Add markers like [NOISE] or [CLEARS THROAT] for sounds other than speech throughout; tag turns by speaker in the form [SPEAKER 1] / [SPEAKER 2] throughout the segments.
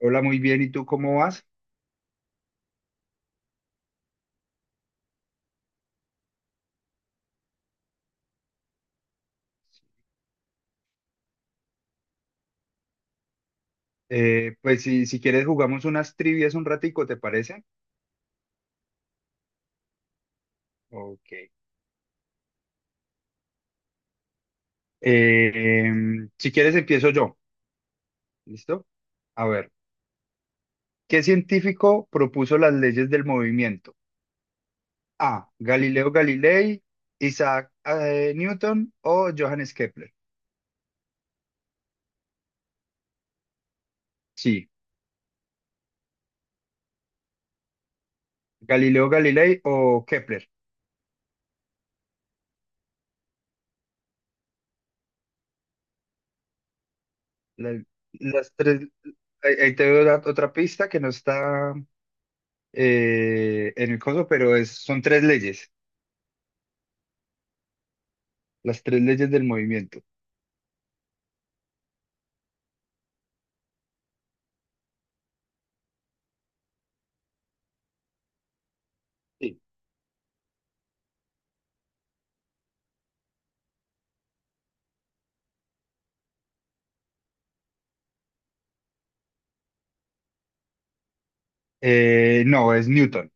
[SPEAKER 1] Hola, muy bien. ¿Y tú cómo vas? Pues si quieres jugamos unas trivias un ratico, ¿te parece? Ok. Eh, si quieres empiezo yo. ¿Listo? A ver, ¿qué científico propuso las leyes del movimiento? A. Galileo Galilei, Isaac Newton o Johannes Kepler. Sí, Galileo Galilei o Kepler. La- las tres. Ahí te doy otra pista que no está en el coso, pero son tres leyes. Las tres leyes del movimiento. Sí. No, es Newton.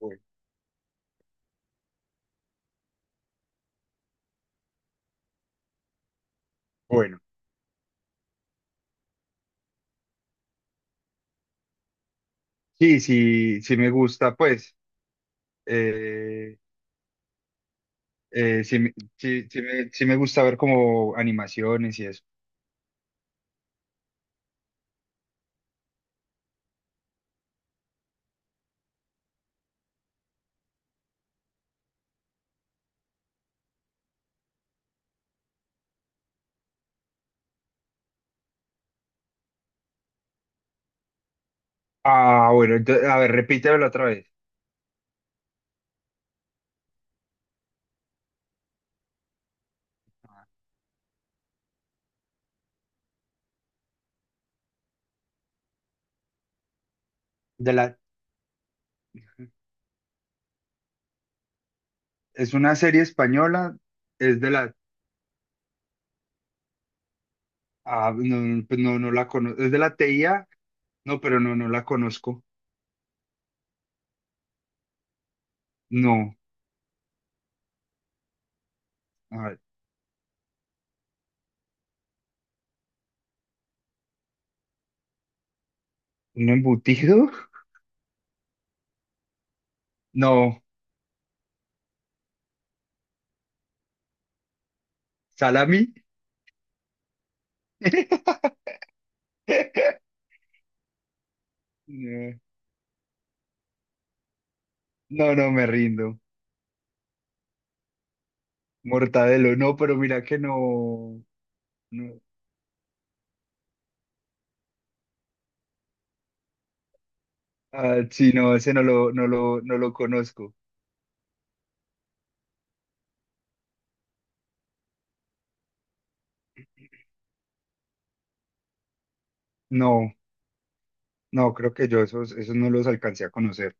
[SPEAKER 1] Bueno. Bueno, sí, sí, sí me gusta, pues. eh, sí, sí me gusta ver como animaciones y eso. Ah, bueno, a ver, repítemelo otra vez. De la, es una serie española, es de la, ah, no, no, pues no, no la conozco. Es de la TIA, no, pero no, no la conozco. No, a ver, ¿un embutido? No, salami. [LAUGHS] No. No, no me rindo. Mortadelo, no, pero mira que no, no, ah, sí, no, ese no lo conozco. No, no, creo que yo esos no los alcancé a conocer.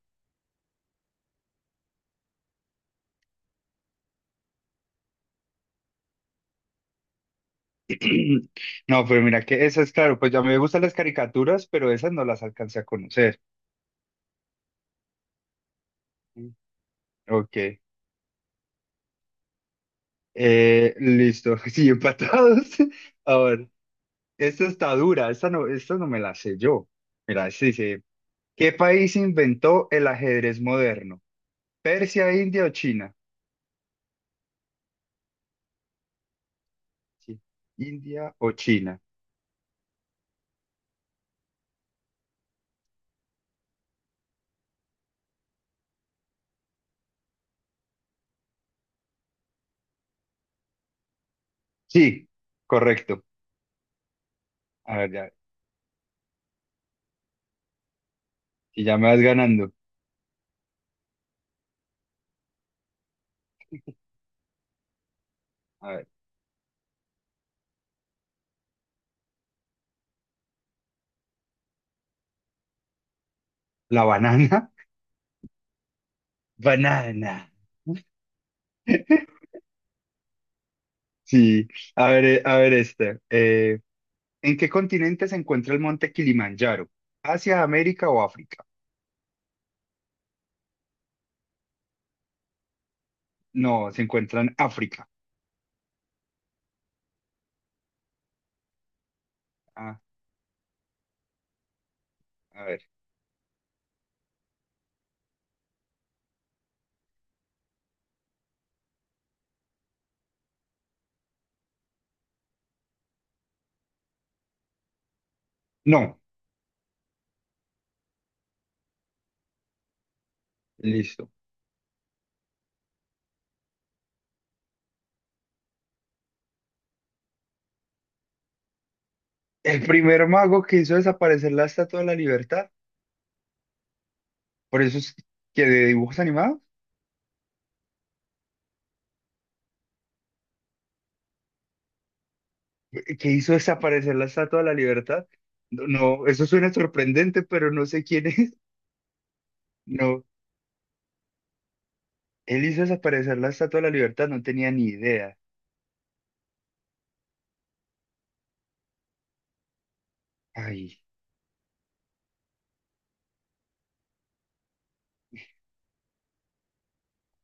[SPEAKER 1] [CLEARS THROAT] No, pero mira que esas, claro, pues ya me gustan las caricaturas, pero esas no las alcancé a conocer. Mm. Ok, listo, [LAUGHS] sí, empatados. [LAUGHS] A ver, esta está dura, esta no me la sé yo. Mira, este dice, ¿qué país inventó el ajedrez moderno? ¿Persia, India o China? Sí. India o China. Sí, correcto. A ver, ya, si ya me vas ganando. A ver, la banana. [LAUGHS] Banana. Sí. A ver, a ver este. ¿En qué continente se encuentra el monte Kilimanjaro? ¿Asia, América o África? No, se encuentra en África. Ah, a ver. No, listo. El primer mago que hizo desaparecer la Estatua de la Libertad. Por eso es que de dibujos animados. Que hizo desaparecer la Estatua de la Libertad. No, no, eso suena sorprendente, pero no sé quién es. [LAUGHS] No, él hizo desaparecer la Estatua de la Libertad, no tenía ni idea. Ay,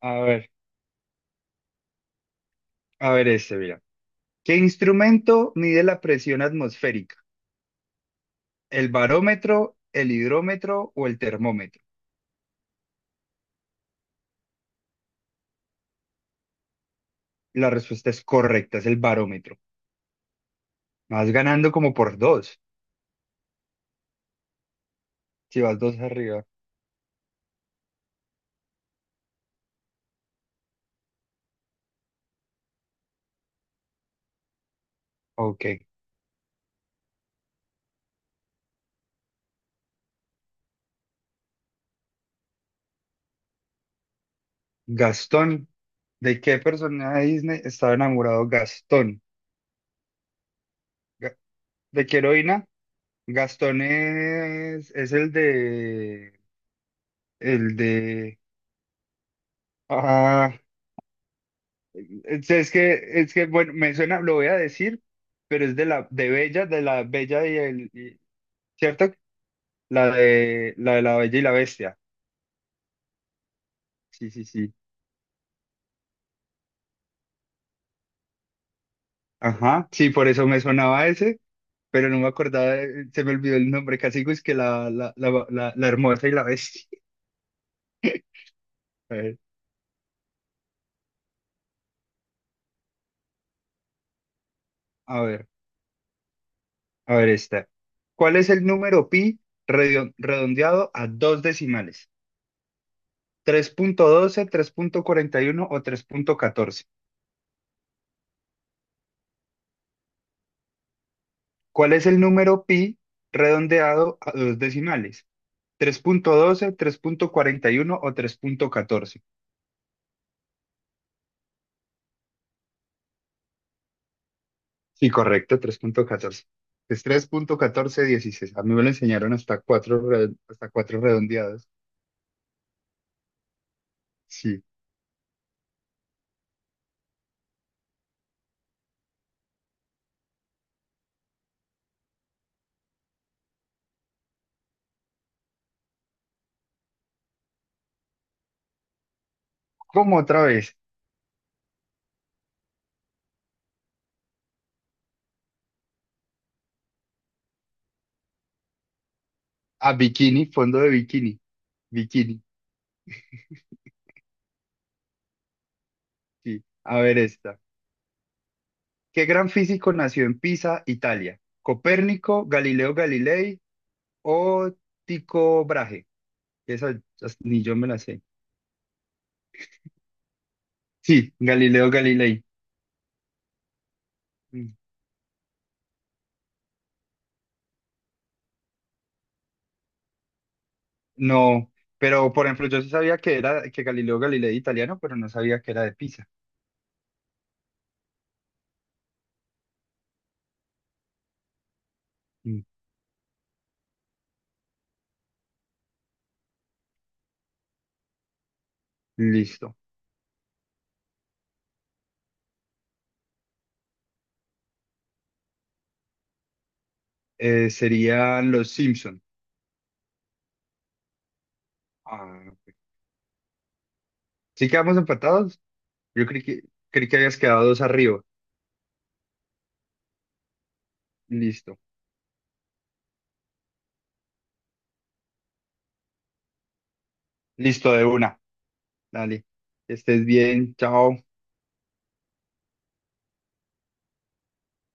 [SPEAKER 1] a ver, a ver este, mira. ¿Qué instrumento mide la presión atmosférica? ¿El barómetro, el hidrómetro o el termómetro? La respuesta es correcta, es el barómetro. Vas ganando como por dos, si vas dos arriba. Ok. Gastón, ¿de qué personaje de Disney estaba enamorado Gastón? ¿De qué heroína? Gastón es el de, el de, ah, es que, bueno, me suena, lo voy a decir, pero de Bella, de la Bella y ¿cierto? La de la Bella y la Bestia. Sí, sí, sí. Ajá, sí, por eso me sonaba ese, pero no me acordaba, se me olvidó el nombre, casi es que la hermosa y la bestia. [LAUGHS] A ver, a ver. A ver esta. ¿Cuál es el número pi redondeado a dos decimales? Tres punto doce, tres punto cuarenta y uno o tres punto catorce. ¿Cuál es el número pi redondeado a dos decimales? Tres punto doce, tres punto cuarenta y uno o tres punto catorce. Sí, correcto, 3.14. Es 3.1416. A mí me lo enseñaron hasta cuatro redondeados. Sí. ¿Cómo otra vez? A bikini, fondo de bikini. Bikini. Sí. A ver esta. ¿Qué gran físico nació en Pisa, Italia? ¿Copérnico, Galileo Galilei o Tycho Brahe? Esa ni yo me la sé. Sí, Galileo Galilei. Mm. No, pero por ejemplo, yo sí sabía que era que Galileo Galilei era italiano, pero no sabía que era de Pisa. Mm. Listo. Serían los Simpson. Ah, ¿sí quedamos empatados? Yo creí que habías quedado dos arriba. Listo. Listo, de una. Dale. Que estés bien. Chao.